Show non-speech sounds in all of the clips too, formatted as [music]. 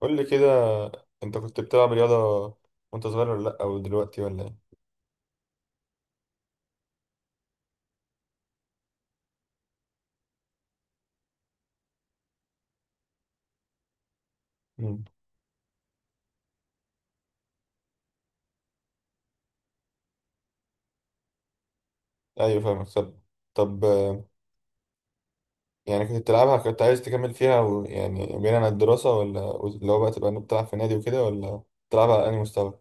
قول لي كده. انت كنت بتلعب رياضة وانت صغير ولا لا، او دلوقتي ولا ايه؟ مم. ايوه فاهمك. طب، طب يعني كنت بتلعبها، كنت عايز تكمل فيها يعني بعيدا عن الدراسة، ولا اللي هو بقى تبقى بتلعب في نادي وكده، ولا بتلعبها على انهي مستوى؟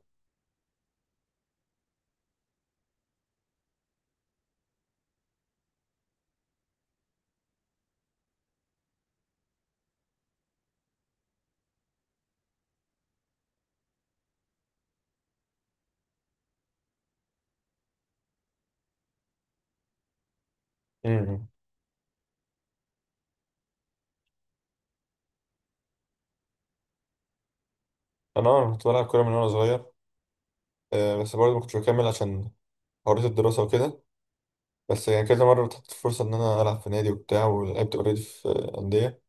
مم. انا اه كنت بلعب كورة من وانا صغير، بس برضه ما كنتش بكمل عشان حوارات الدراسة وكده. بس يعني كذا مرة اتحطت فرصة إن أنا ألعب في نادي وبتاع، ولعبت أوريدي في أندية،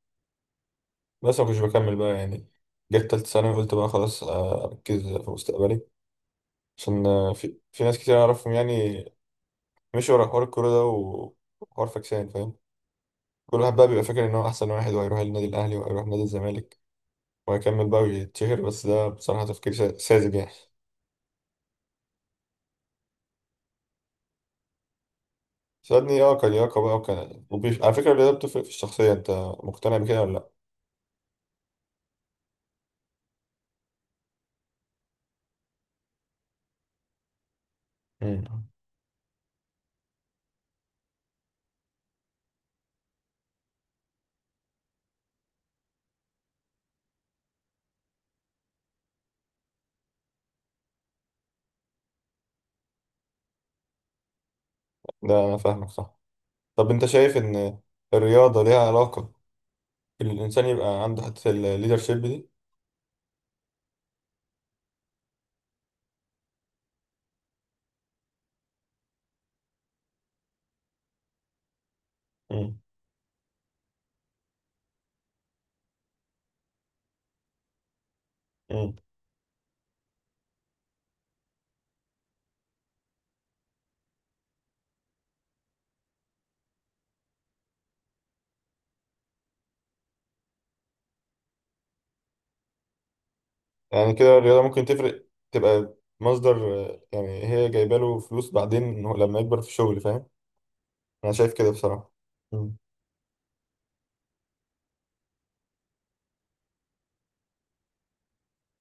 بس ما كنتش بكمل بقى يعني. جت تالتة ثانوي قلت بقى خلاص أركز في مستقبلي، عشان في ناس كتير أعرفهم يعني مشوا ورا حوار الكورة ده و- وحوار فاكسان فاهم. كل واحد بقى بيبقى فاكر إن هو أحسن واحد وهيروح النادي الأهلي وهيروح نادي الزمالك وهيكمل بقى ويتشهر، بس ده بصراحة تفكير ساذج يعني. سألني اه كلياقة بقى، على فكرة الرياضة بتفرق في الشخصية، أنت مقتنع بكده ولا لأ؟ مم. ده أنا فاهمك صح. طب أنت شايف إن الرياضة ليها علاقة إن الإنسان يبقى عنده حتة الليدرشيب دي؟ مم. مم. يعني كده الرياضة ممكن تفرق، تبقى مصدر يعني هي جايبة له فلوس بعدين إنه لما يكبر في الشغل، فاهم؟ أنا شايف كده بصراحة. مم.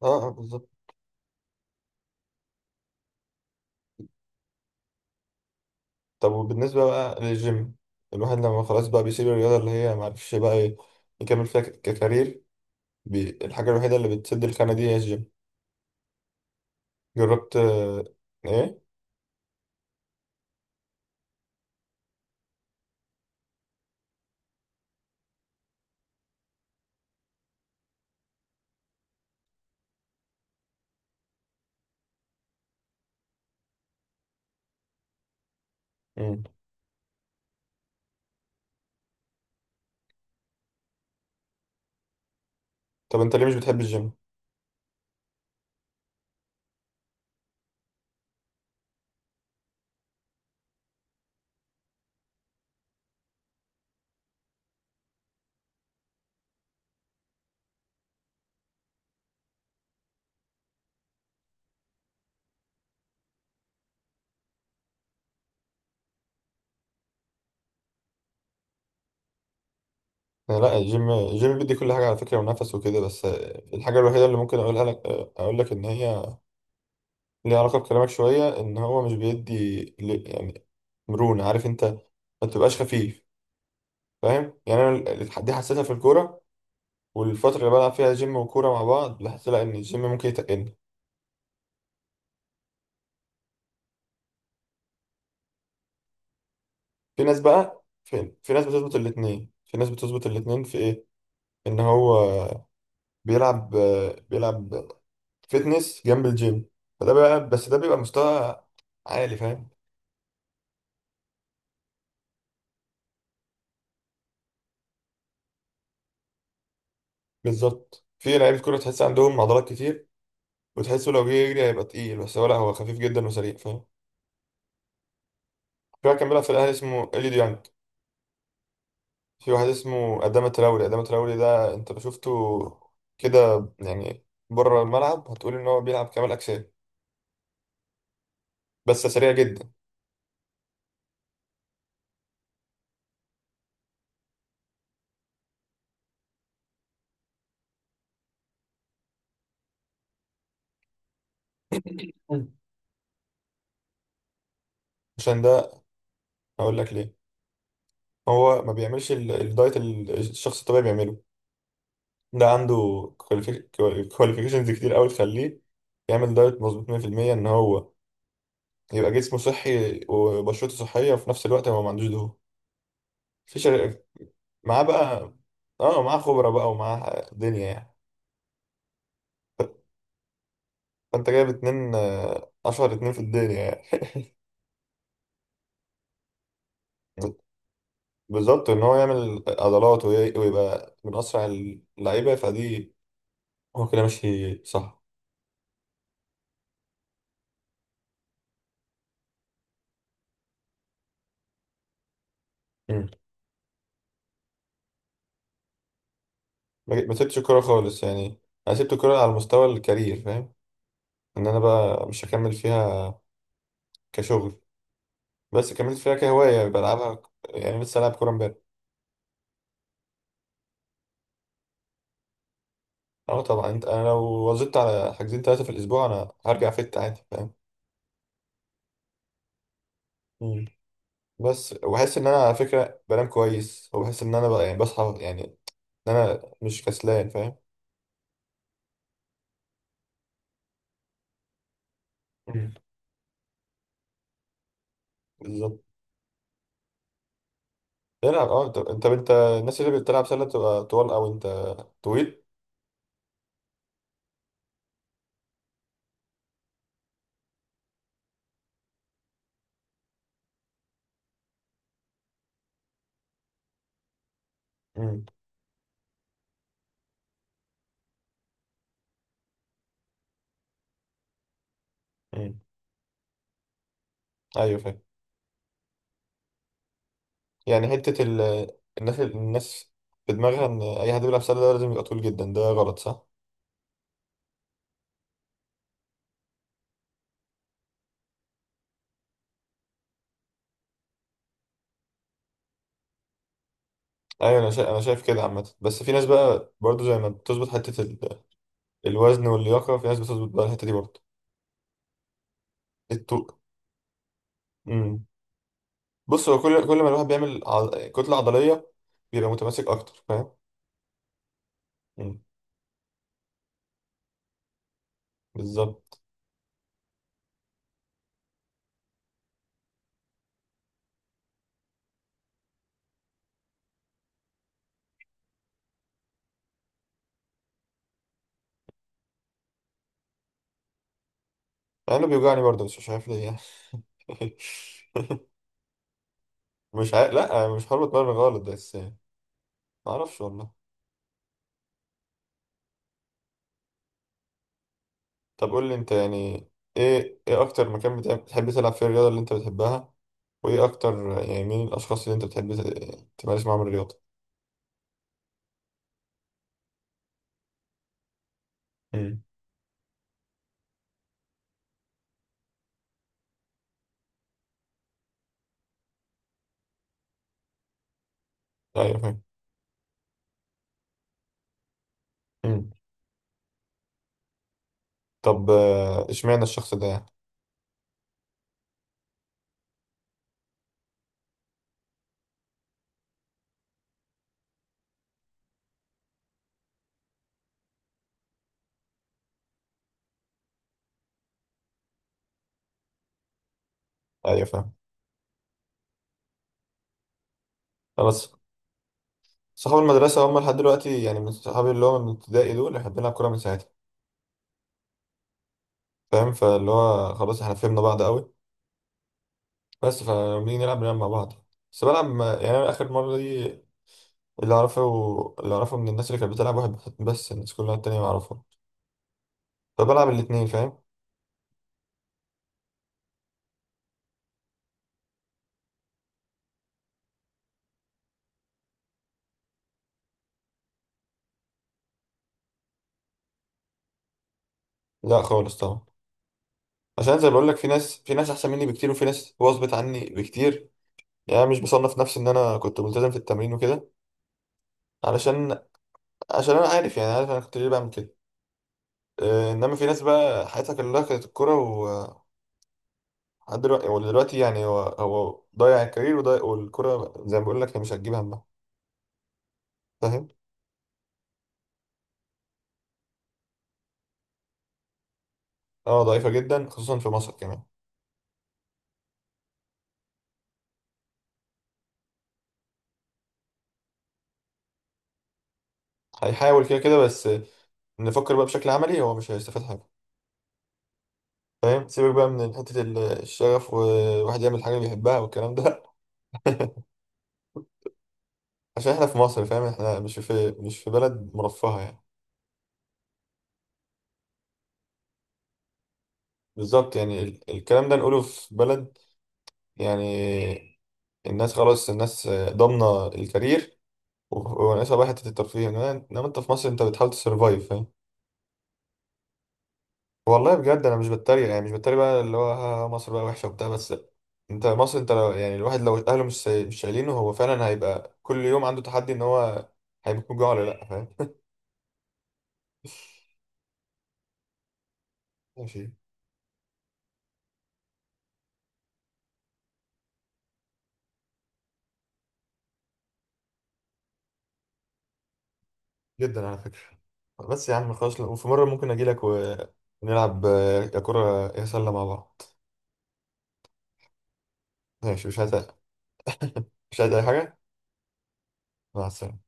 اه بالظبط. طب وبالنسبة بقى للجيم، الواحد لما خلاص بقى بيسيب الرياضة اللي هي معرفش بقى يكمل فيها ككارير، الحاجة الوحيدة اللي بتسد الخانة دي هي الجيم. جربت ايه؟ مم. طب انت ليه مش بتحب الجيم؟ لا، الجيم بيدي كل حاجة على فكرة ونفس وكده، بس الحاجة الوحيدة اللي ممكن اقولها لك، اقول لك ان هي ليه علاقة بكلامك شوية، إن هو مش بيدي يعني مرونة، عارف أنت، ما تبقاش خفيف، فاهم يعني؟ أنا دي حسيتها في الكورة، والفترة اللي بلعب فيها جيم وكورة مع بعض لاحظت لا إن الجيم ممكن يتقلني. في ناس بقى، في ناس بتظبط الاتنين، في إيه، إن هو بيلعب بيلعب فيتنس جنب الجيم، فده بقى، بس ده بيبقى مستوى عالي، فاهم؟ بالظبط، في لعيبة كورة تحس عندهم عضلات كتير، وتحسه لو جه يجري هيبقى تقيل، بس هو لا، هو خفيف جدا وسريع، فاهم؟ في واحد كان بيلعب في الاهلي اسمه اليو ديانج. في واحد اسمه ادام تراوري، ادام تراوري ده انت لو شفته كده يعني بره الملعب هتقول ان هو بيلعب كمال اجسام، بس سريع جدا. مم. عشان ده هقول لك ليه. هو ما بيعملش الدايت اللي الشخص الطبيعي بيعمله، ده عنده كواليفيكيشنز كتير قوي تخليه يعمل دايت مظبوط 100%، ان هو يبقى جسمه صحي وبشرته صحيه، وفي نفس الوقت هو ما عندوش دهون في شر... معاه بقى، اه معاه خبره بقى ومعاه دنيا يعني. انت جايب اتنين اشهر اتنين في الدنيا يعني. بالظبط، ان هو يعمل عضلات ويبقى من اسرع اللعيبه فدي، هو كده ماشي صح. مم. ما سبتش الكوره خالص يعني. انا سبت الكوره على مستوى الكارير، فاهم؟ ان انا بقى مش هكمل فيها كشغل، بس كملت فيها كهوايه، يعني بلعبها يعني لسه العب كوره امبارح. اه طبعا، انت انا لو وظبطت على حاجزين ثلاثه في الاسبوع انا هرجع فت عادي، فاهم؟ مم. بس، وبحس ان انا على فكره بنام كويس، وبحس ان انا بقى يعني بصحى يعني، ان انا مش كسلان، فاهم؟ مم. بالظبط. العب. اه طب انت الناس اللي بتلعب سله بتبقى طوال، او انت طويل؟ امم. امم. ايوه فاهم. يعني حته الناس في دماغها ان اي حد بيلعب سله ده لازم يبقى طويل جدا، ده غلط صح؟ ايوه انا شايف كده عامه، بس في ناس بقى برضو زي ما بتظبط حته الوزن واللياقه، في ناس بتظبط بقى الحته دي برضو، الطول. بص، هو كل، كل ما الواحد بيعمل كتلة عضلية، بيبقى متماسك أكتر فاهم. مم، بالظبط. أنا بيوجعني برضه بس مش عارف ليه يعني. [laughs] مش عارف، لأ مش حابب أتمرن غلط، بس معرفش والله. طب قول لي أنت، يعني إيه، أكتر مكان بتحب تلعب فيه الرياضة اللي أنت بتحبها، وإيه أكتر يعني، مين الأشخاص اللي أنت بتحب تمارس معاهم الرياضة؟ مم. أيوه فاهم. مم. طب إشمعنى الشخص ده يعني؟ أيوه فاهم. خلاص، صحاب المدرسة هم لحد دلوقتي يعني، من صحابي اللي هو من ابتدائي، دول احنا بنلعب كورة من ساعتها، فاهم؟ فاللي هو خلاص احنا فهمنا بعض قوي، بس فلما بنيجي نلعب بنلعب مع بعض. بس بلعب يعني أنا آخر مرة دي، اللي أعرفه اللي أعرفه من الناس اللي كانت بتلعب واحد بس، الناس كلها التانية ما أعرفها، فبلعب الاتنين فاهم. لا خالص طبعا، عشان زي ما بقول لك، في ناس، في ناس أحسن مني بكتير، وفي ناس واظبط عني بكتير. يعني أنا مش بصنف نفسي إن أنا كنت ملتزم في التمرين وكده، علشان، عشان أنا عارف يعني، عارف أنا كنت ليه بعمل كده. إنما في ناس بقى حياتها كلها كانت الكورة لحد دلوقتي، هو دلوقتي يعني هو ضيع الكارير وضيع، والكرة زي ما بقول لك هي مش هتجيب همها، فاهم؟ اه ضعيفة جدا، خصوصا في مصر كمان. هيحاول كده كده، بس نفكر بقى بشكل عملي هو مش هيستفاد حاجة، فاهم؟ سيبك بقى من حتة الشغف وواحد يعمل حاجة بيحبها والكلام ده. [laughs] عشان احنا في مصر فاهم؟ احنا مش في، مش في بلد مرفهة يعني. بالظبط، يعني الكلام ده نقوله في بلد يعني الناس خلاص الناس ضامنة الكارير وناقصها بقى حتة الترفيه، انما انت في مصر انت بتحاول تسرفايف. والله بجد انا مش بتريق يعني، مش بتريق بقى اللي هو ها ها مصر بقى وحشه وبتاع، بس انت مصر انت لو يعني، الواحد لو اهله مش مش شايلينه، هو فعلا هيبقى كل يوم عنده تحدي ان هو هيموت من الجوع ولا لا، فاهم؟ [laughs] ماشي. جدا على فكره. بس يا عم خلاص، وفي مره ممكن اجي لك ونلعب يا كره يا سله مع بعض. ماشي. مش عايز اي حاجه. مع السلامه.